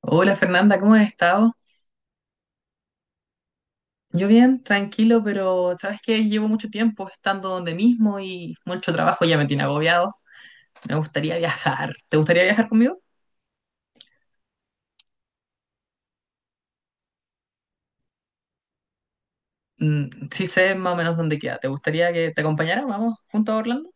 Hola Fernanda, ¿cómo has estado? Yo bien, tranquilo, pero sabes que llevo mucho tiempo estando donde mismo y mucho trabajo ya me tiene agobiado. Me gustaría viajar. ¿Te gustaría viajar conmigo? Mm, sí sé más o menos dónde queda. ¿Te gustaría que te acompañara? ¿Vamos juntos a Orlando?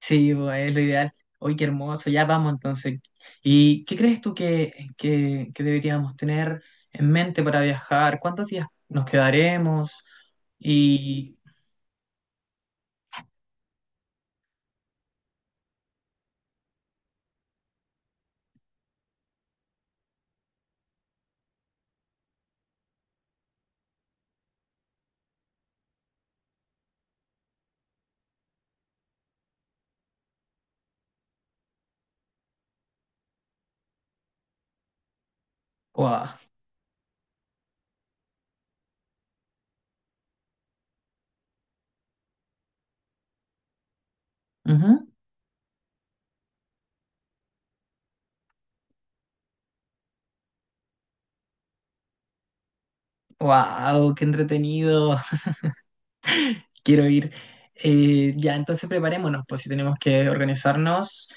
Sí, pues es lo ideal. Hoy qué hermoso, ya vamos entonces. ¿Y qué crees tú que deberíamos tener en mente para viajar? ¿Cuántos días nos quedaremos? Y... ¡Wow! Ujú. Wow, qué entretenido. Quiero ir. Ya, entonces preparémonos, pues si tenemos que organizarnos.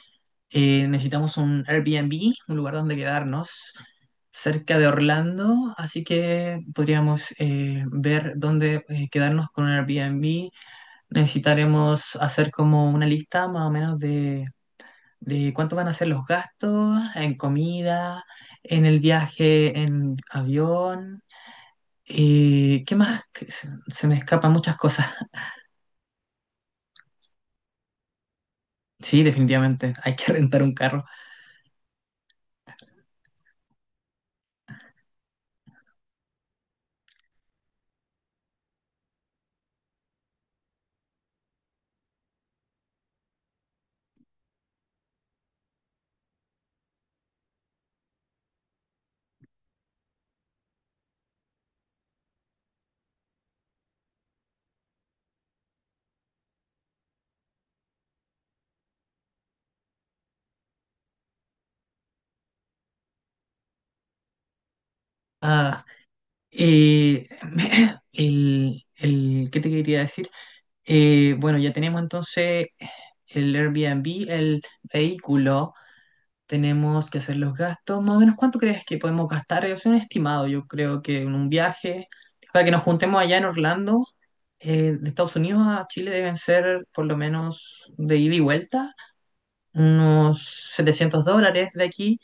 Necesitamos un Airbnb, un lugar donde quedarnos, cerca de Orlando, así que podríamos ver dónde quedarnos con un Airbnb. Necesitaremos hacer como una lista más o menos de cuánto van a ser los gastos en comida, en el viaje en avión. ¿Qué más? Que Se se me escapan muchas cosas. Sí, definitivamente, hay que rentar un carro. Ah, eh, ¿qué te quería decir? Bueno, ya tenemos entonces el Airbnb, el vehículo, tenemos que hacer los gastos. Más o menos, ¿cuánto crees que podemos gastar? Es un estimado, yo creo que en un viaje, para que nos juntemos allá en Orlando, de Estados Unidos a Chile deben ser, por lo menos de ida y vuelta, unos $700 de aquí.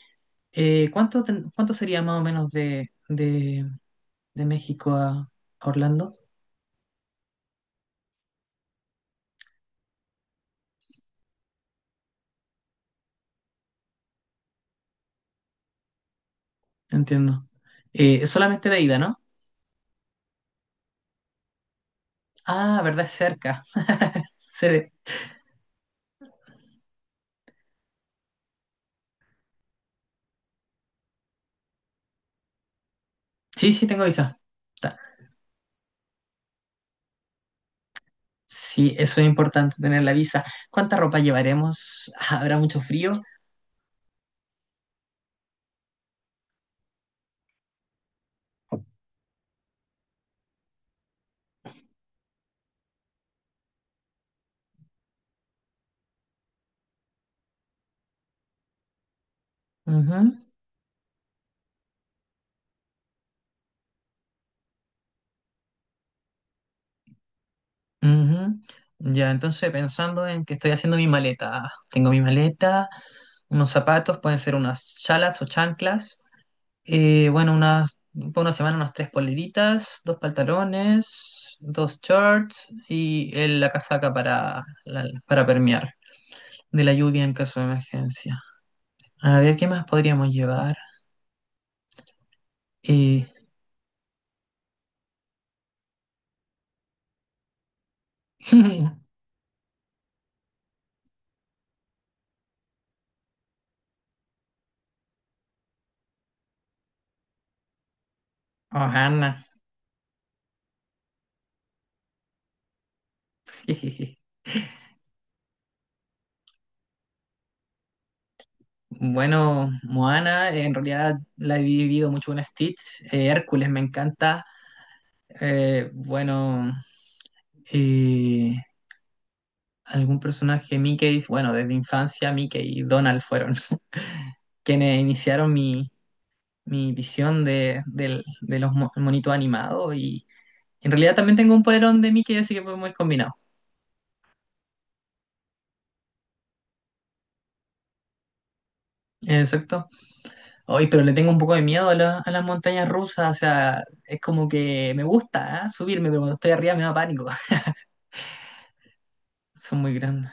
Cuánto sería más o menos de México a Orlando? Entiendo. Es solamente de ida, ¿no? Ah, verdad, es cerca. Se- Sí, sí, tengo visa. Ta- Sí, eso es importante, tener la visa. ¿Cuánta ropa llevaremos? Ah, ¿habrá mucho frío? Ujú, ujú. Ya, entonces pensando en que estoy haciendo mi maleta. Ah, tengo mi maleta, unos zapatos, pueden ser unas chalas o chanclas. Para una semana, unas tres poleritas, dos pantalones, dos shorts y la casaca para para permear de la lluvia en caso de emergencia. A ver, ¿qué más podríamos llevar? Eh... Ohana. Bueno, Moana, en realidad la he vivido mucho con Stitch. Hércules me encanta. Eh, bueno, eh, Algún personaje Mickey. Bueno, desde infancia Mickey y Donald fueron quienes iniciaron mi visión de los monitos animados, y en realidad también tengo un polerón de Mickey, así que podemos ir combinados. Exacto. Hoy, pero le tengo un poco de miedo a las montañas rusas. O sea, es como que me gusta, ¿ah?, subirme, pero cuando estoy arriba me da pánico. Son muy grandes.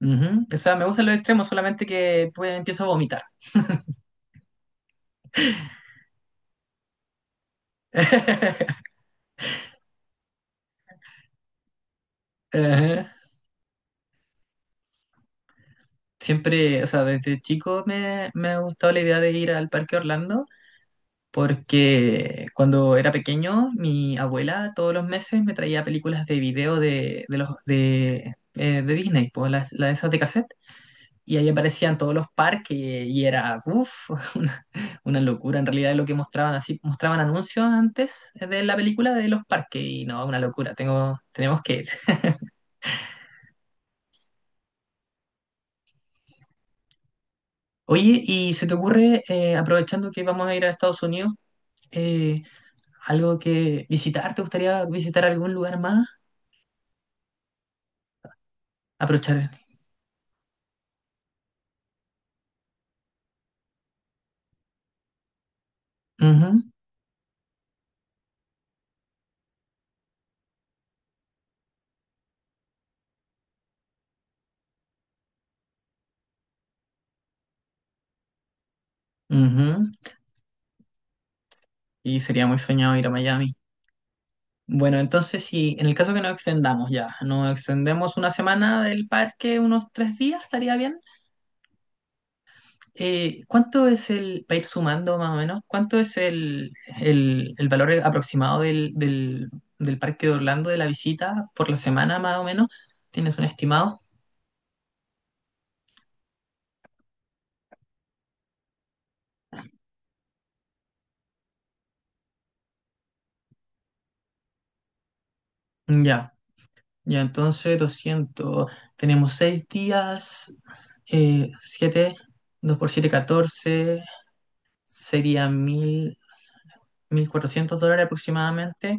Ujú. O sea, me gustan los extremos, solamente que pues, empiezo a vomitar. Ajá. Siempre, o sea, desde chico me ha gustado la idea de ir al Parque Orlando, porque cuando era pequeño mi abuela todos los meses me traía películas de video de Disney, pues las esas de cassette, y ahí aparecían todos los parques y era, uff, una, una locura en realidad lo que mostraban. Así, mostraban anuncios antes de la película de los parques, y no, una locura. Tenemos que ir. Oye, ¿y se te ocurre, aprovechando que vamos a ir a Estados Unidos, eh, algo que visitar? ¿Te gustaría visitar algún lugar más? Aprovechar. Ujú, ujú. Y sería muy soñado ir a Miami. Bueno, entonces si en el caso que nos extendamos ya, nos extendemos una semana del parque, unos 3 días, estaría bien. ¿Cuánto es para ir sumando más o menos, cuánto es el valor aproximado del parque de Orlando de la visita por la semana más o menos? ¿Tienes un estimado? Ya. Ya, entonces, doscientos. Tenemos 6 días, siete. Dos por 7, 14, serían mil cuatrocientos dólares aproximadamente.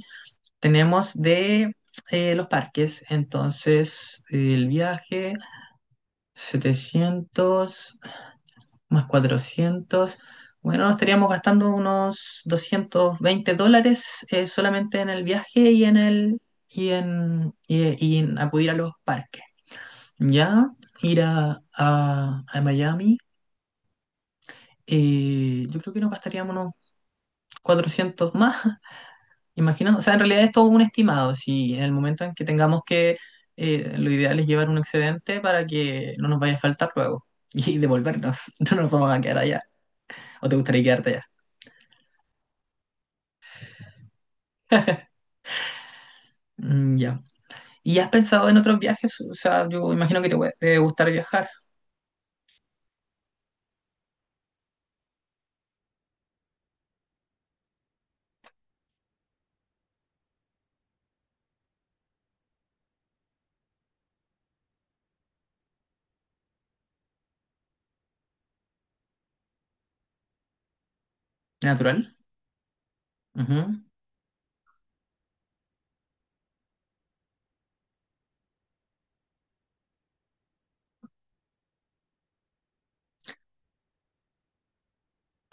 Tenemos de los parques, entonces el viaje, 700 más cuatrocientos. Bueno, nos estaríamos gastando unos $220, solamente en el viaje y en el... Y en, y y en acudir a los parques. Ya, ir a Miami. Yo creo que nos gastaríamos unos 400 más, imagina. O sea, en realidad es todo un estimado. Si en el momento en que tengamos que, lo ideal es llevar un excedente para que no nos vaya a faltar luego y devolvernos. No nos vamos a quedar allá. ¿O te gustaría quedarte allá? Mm, ya. ¿Y has pensado en otros viajes? O sea, yo imagino que te debe gustar viajar. Natural. Ujú,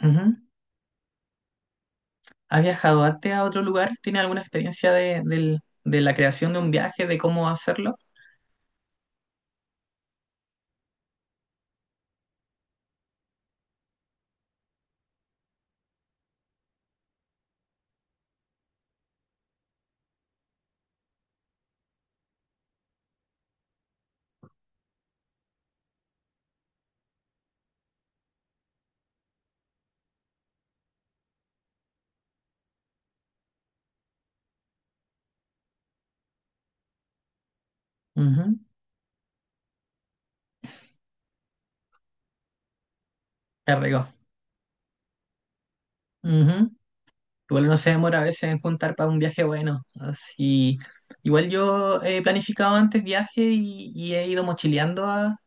ujú. ¿Has viajado antes a otro lugar? ¿Tienes alguna experiencia de la creación de un viaje, de cómo hacerlo? Ujú. Qué rico. Ujú. Igual no se demora a veces en juntar para un viaje bueno. Así, igual yo he planificado antes viaje, y he ido mochileando,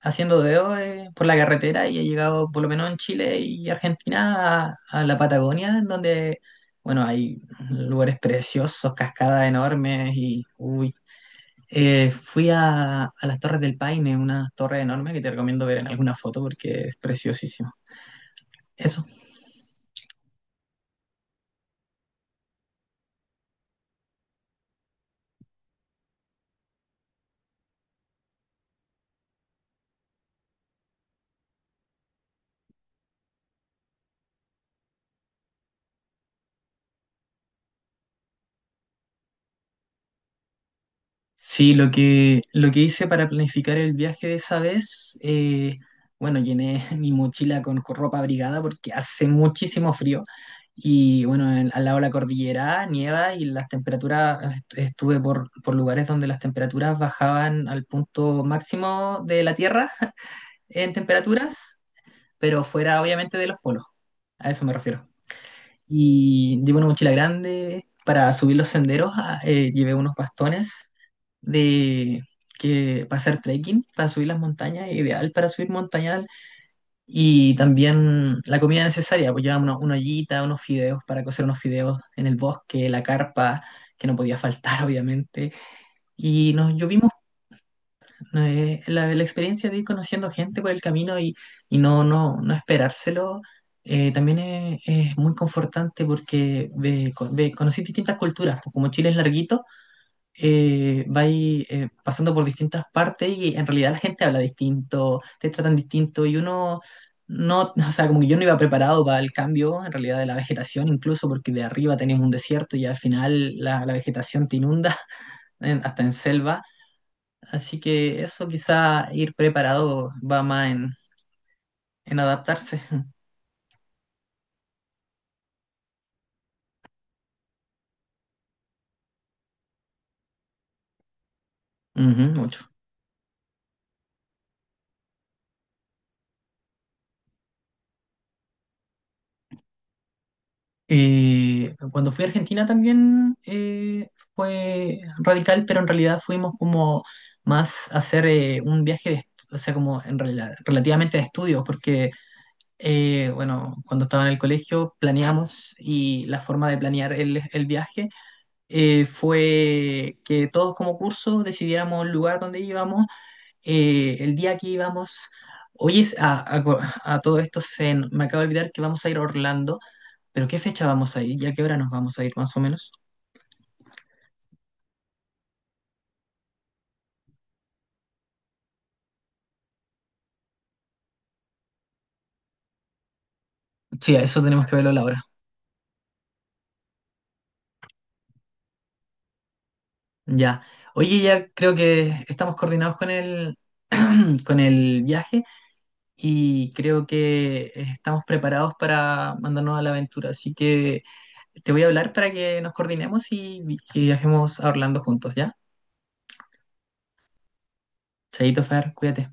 haciendo dedos por la carretera, y he llegado, por lo menos en Chile y Argentina, a la Patagonia, en donde, bueno, hay lugares preciosos, cascadas enormes y, uy. Fui a las Torres del Paine, una torre enorme que te recomiendo ver en alguna foto porque es preciosísimo. Eso. Sí, lo que hice para planificar el viaje de esa vez, bueno, llené mi mochila con ropa abrigada porque hace muchísimo frío. Y bueno, al lado de la cordillera nieva y las temperaturas, estuve por lugares donde las temperaturas bajaban al punto máximo de la Tierra en temperaturas, pero fuera, obviamente, de los polos. A eso me refiero. Y llevo una mochila grande para subir los senderos. Llevé unos bastones de que para hacer trekking, para subir las montañas, ideal para subir montañal, y también la comida necesaria. Pues llevaba una, ollita, unos fideos para cocer unos fideos en el bosque, la carpa que no podía faltar, obviamente, y nos llovimos. La experiencia de ir conociendo gente por el camino, y no, esperárselo. También es muy confortante, porque conocí distintas culturas, pues como Chile es larguito. Vais pasando por distintas partes y en realidad la gente habla distinto, te tratan distinto, y uno no. O sea, como que yo no iba preparado para el cambio, en realidad, de la vegetación, incluso porque de arriba tenemos un desierto y al final la vegetación te inunda hasta en selva. Así que eso, quizá ir preparado, va más en adaptarse. Ujú, mucho. Cuando fui a Argentina, también fue radical, pero en realidad fuimos como más a hacer un viaje de o sea, como en realidad relativamente de estudios, porque bueno, cuando estaba en el colegio planeamos, y la forma de planear el viaje, fue que todos como curso decidiéramos el lugar donde íbamos, el día que íbamos. Oye, a todo esto, me acabo de olvidar que vamos a ir a Orlando, pero ¿qué fecha vamos a ir? ¿Y a qué hora nos vamos a ir más o menos? Sí, a eso tenemos que verlo a la hora. Ya. Oye, ya creo que estamos coordinados con el viaje, y creo que estamos preparados para mandarnos a la aventura. Así que te voy a hablar para que nos coordinemos, y viajemos a Orlando juntos, ¿ya? Chaito, Fer, cuídate.